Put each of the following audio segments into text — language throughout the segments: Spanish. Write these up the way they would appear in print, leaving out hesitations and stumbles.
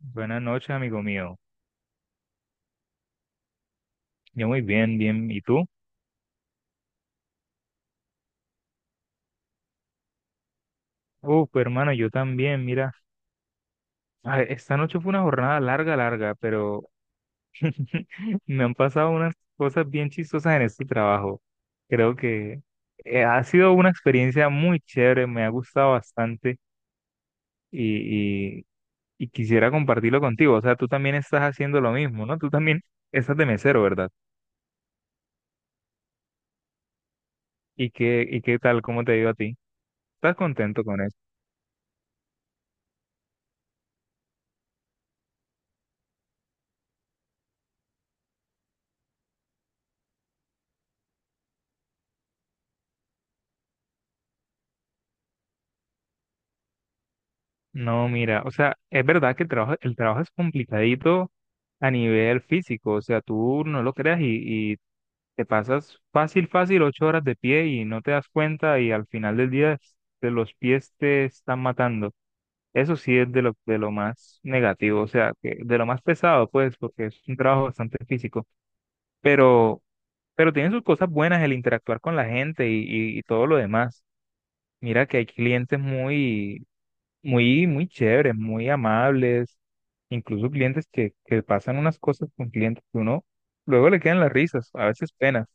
Buenas noches, amigo mío. Yo muy bien, bien. ¿Y tú? Uf, hermano, yo también, mira. A ver, esta noche fue una jornada larga, larga, pero me han pasado unas cosas bien chistosas en este trabajo. Creo que ha sido una experiencia muy chévere, me ha gustado bastante y, y, y quisiera compartirlo contigo. O sea, tú también estás haciendo lo mismo, ¿no? Tú también estás de mesero, ¿verdad? ¿Y qué tal? ¿Cómo te ha ido a ti? ¿Estás contento con eso? No, mira, o sea, es verdad que el trabajo es complicadito a nivel físico. O sea, tú no lo creas, y te pasas fácil, fácil 8 horas de pie y no te das cuenta, y al final del día de los pies te están matando. Eso sí es de lo más negativo, o sea, que de lo más pesado, pues, porque es un trabajo bastante físico, pero, pero tiene sus cosas buenas: el interactuar con la gente y todo lo demás. Mira que hay clientes muy muy, muy chéveres, muy amables, incluso clientes que pasan unas cosas con clientes que uno luego le quedan las risas, a veces penas.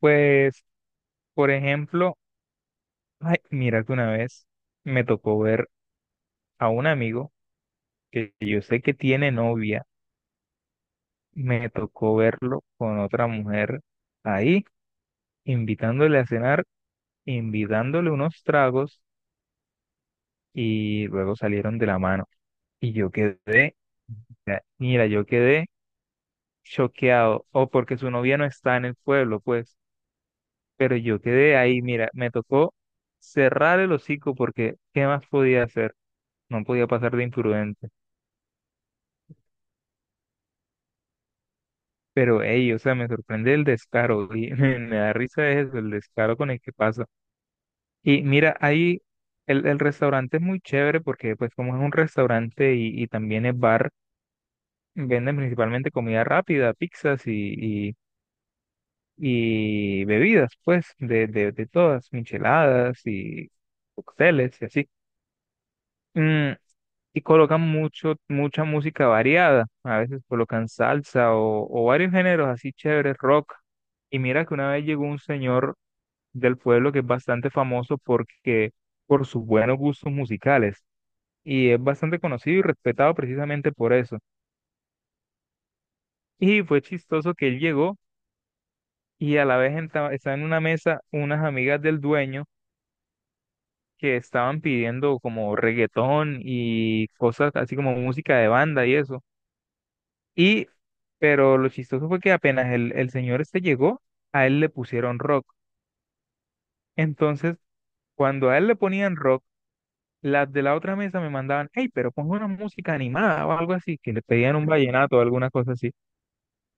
Pues, por ejemplo, ay, mira que una vez me tocó ver a un amigo que yo sé que tiene novia. Me tocó verlo con otra mujer ahí, invitándole a cenar, invitándole unos tragos, y luego salieron de la mano. Y yo quedé, mira, yo quedé, choqueado o porque su novia no está en el pueblo, pues, pero yo quedé ahí, mira, me tocó cerrar el hocico porque ¿qué más podía hacer? No podía pasar de imprudente. Pero, hey, o sea, me sorprende el descaro, y me da risa eso, el descaro con el que pasa. Y mira, ahí el restaurante es muy chévere porque, pues, como es un restaurante y también es bar, venden principalmente comida rápida, pizzas y bebidas, pues, de todas, micheladas y cócteles y así. Mm, y colocan mucho, mucha música variada, a veces colocan salsa o varios géneros así chéveres, rock. Y mira que una vez llegó un señor del pueblo que es bastante famoso porque por sus buenos gustos musicales y es bastante conocido y respetado precisamente por eso. Y fue chistoso que él llegó y a la vez estaba en una mesa unas amigas del dueño que estaban pidiendo como reggaetón y cosas así, como música de banda y eso. Y, pero lo chistoso fue que apenas el señor este llegó, a él le pusieron rock. Entonces, cuando a él le ponían rock, las de la otra mesa me mandaban, hey, pero pon una música animada o algo así, que le pedían un vallenato o alguna cosa así.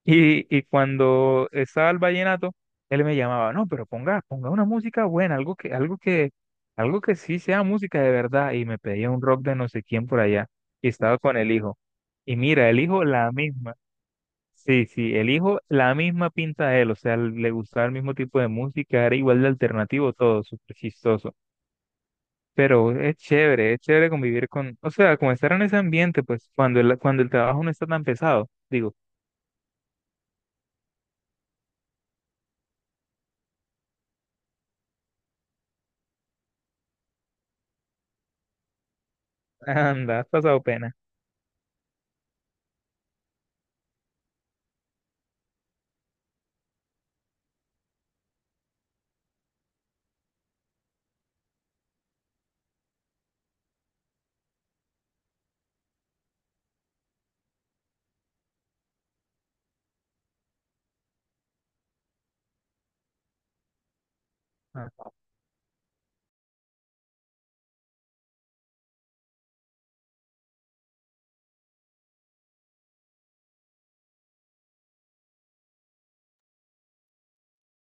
Y cuando estaba el vallenato, él me llamaba, no, pero ponga una música buena, algo que sí sea música de verdad. Y me pedía un rock de no sé quién por allá. Y estaba con el hijo. Y mira, el hijo la misma. Sí, sí, el hijo la misma pinta de él. O sea, le gustaba el mismo tipo de música, era igual de alternativo todo, súper chistoso. Pero es chévere convivir con, o sea, como estar en ese ambiente, pues, cuando cuando el trabajo no está tan pesado. Digo, anda, has pasado pena.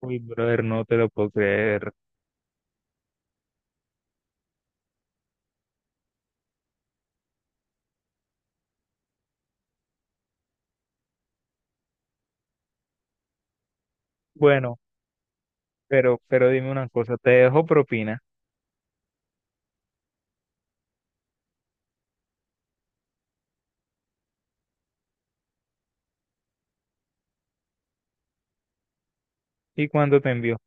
Uy, brother, no te lo puedo creer. Bueno, pero dime una cosa, ¿te dejo propina? ¿Y cuándo te envió?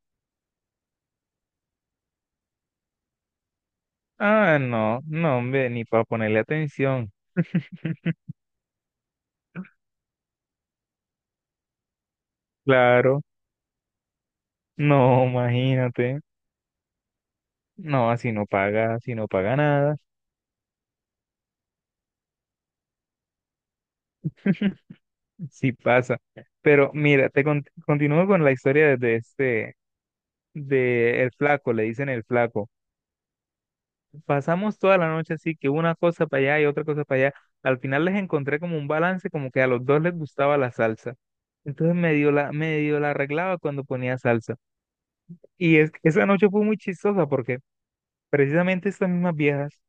Ah, no, no, hombre, ni para ponerle atención. Claro, no, imagínate. No, así no paga nada, sí pasa. Pero mira, te continúo con la historia de este, de el flaco, le dicen el flaco. Pasamos toda la noche así, que una cosa para allá y otra cosa para allá. Al final les encontré como un balance, como que a los dos les gustaba la salsa. Entonces medio la arreglaba cuando ponía salsa. Esa noche fue muy chistosa porque precisamente estas mismas viejas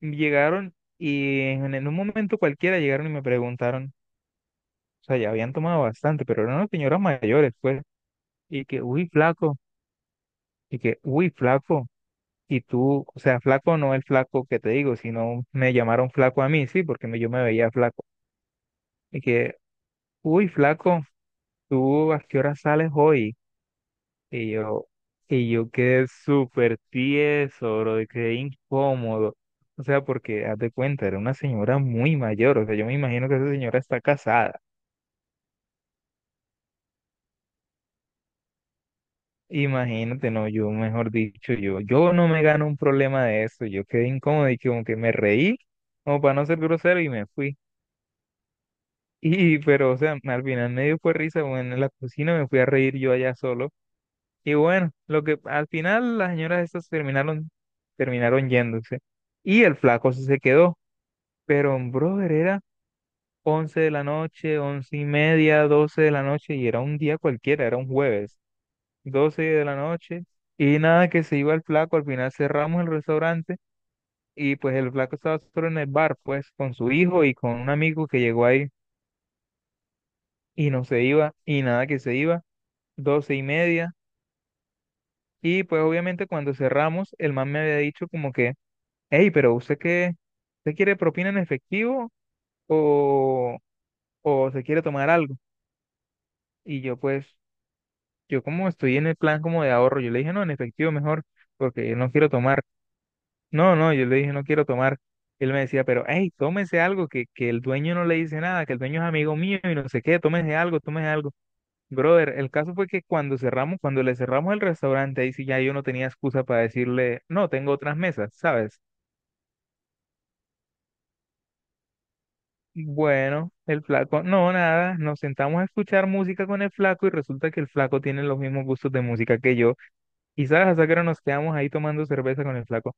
llegaron, y en un momento cualquiera llegaron y me preguntaron, o sea, ya habían tomado bastante, pero eran unas señoras mayores, pues, y que, uy, flaco, y que, uy, flaco. Y tú, o sea, flaco no el flaco que te digo, sino me llamaron flaco a mí, sí, porque yo me veía flaco. Y que, uy, flaco, ¿tú a qué hora sales hoy? Y yo, y yo quedé súper tieso, bro, y quedé incómodo. O sea, porque, haz de cuenta, era una señora muy mayor. O sea, yo me imagino que esa señora está casada. Imagínate, no, yo, mejor dicho, yo no me gano un problema de eso. Yo quedé incómodo y como que me reí, como para no ser grosero, y me fui. Pero, o sea, al final me dio fue risa, bueno, en la cocina me fui a reír yo allá solo. Y bueno, lo que al final las señoras estas terminaron yéndose. Y el flaco sí se quedó. Pero, brother, era 11 de la noche, 11:30, 12 de la noche, y era un día cualquiera, era un jueves, 12 de la noche. Y nada, que se iba el flaco, al final cerramos el restaurante. Y pues el flaco estaba solo en el bar, pues, con su hijo y con un amigo que llegó ahí. Y no se iba, y nada que se iba. 12:30. Y pues obviamente cuando cerramos, el man me había dicho como que, hey, pero usted qué, usted quiere propina en efectivo o, o se quiere tomar algo. Y yo pues, yo como estoy en el plan como de ahorro, yo le dije, no, en efectivo mejor, porque yo no quiero tomar. No, no, yo le dije, no quiero tomar. Él me decía, pero hey, tómese algo, que el dueño no le dice nada, que el dueño es amigo mío y no sé qué, tómese algo, tómese algo. Brother, el caso fue que cuando cerramos, cuando le cerramos el restaurante, ahí sí ya yo no tenía excusa para decirle, no, tengo otras mesas, ¿sabes? Bueno, el flaco, no, nada, nos sentamos a escuchar música con el flaco, y resulta que el flaco tiene los mismos gustos de música que yo. Y sabes, hasta que nos quedamos ahí tomando cerveza con el flaco.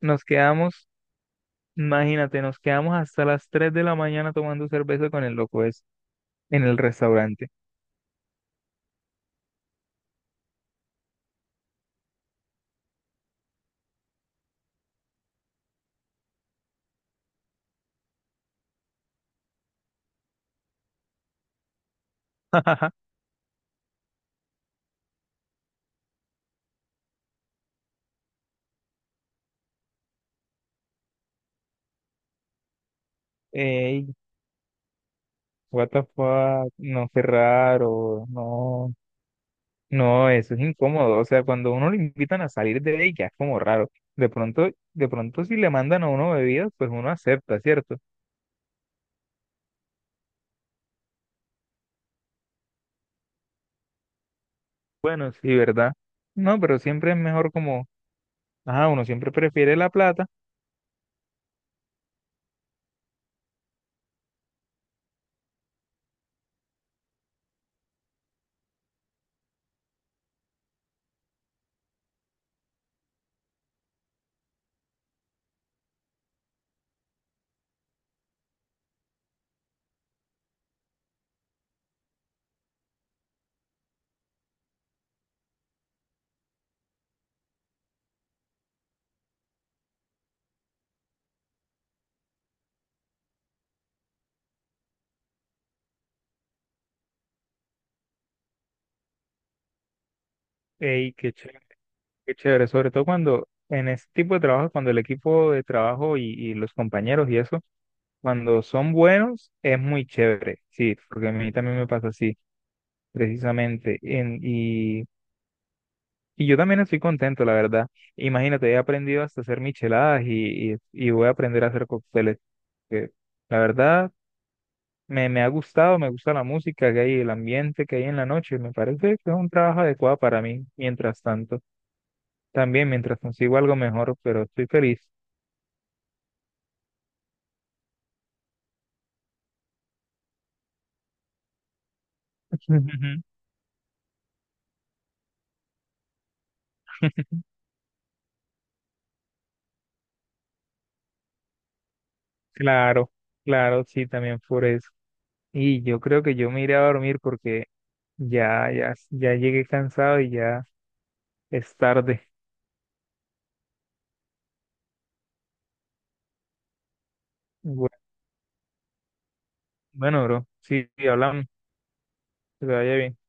Nos quedamos, imagínate, nos quedamos hasta las 3 de la mañana tomando cerveza con el loco es en el restaurante. Ey, what the fuck, no, qué raro, no. No, eso es incómodo. O sea, cuando uno lo invitan a salir de ahí, ya es como raro. De pronto si le mandan a uno bebidas, pues uno acepta, ¿cierto? Bueno, sí, ¿verdad? No, pero siempre es mejor como, ajá, uno siempre prefiere la plata. Ey, qué chévere, qué chévere. Sobre todo cuando en ese tipo de trabajo, cuando el equipo de trabajo y los compañeros y eso, cuando son buenos, es muy chévere. Sí, porque a mí también me pasa así, precisamente. En, y Y yo también estoy contento, la verdad. Imagínate, he aprendido hasta hacer micheladas y voy a aprender a hacer cócteles. Que la verdad, me ha gustado, me gusta la música que hay, el ambiente que hay en la noche. Me parece que es un trabajo adecuado para mí, mientras tanto. También, mientras consigo algo mejor, pero estoy feliz. Claro, claro, sí, también por eso. Y yo creo que yo me iré a dormir porque ya, ya, ya llegué cansado y ya es tarde. Bu- Bueno, bro, sí, sí, hablamos, que te vaya bien.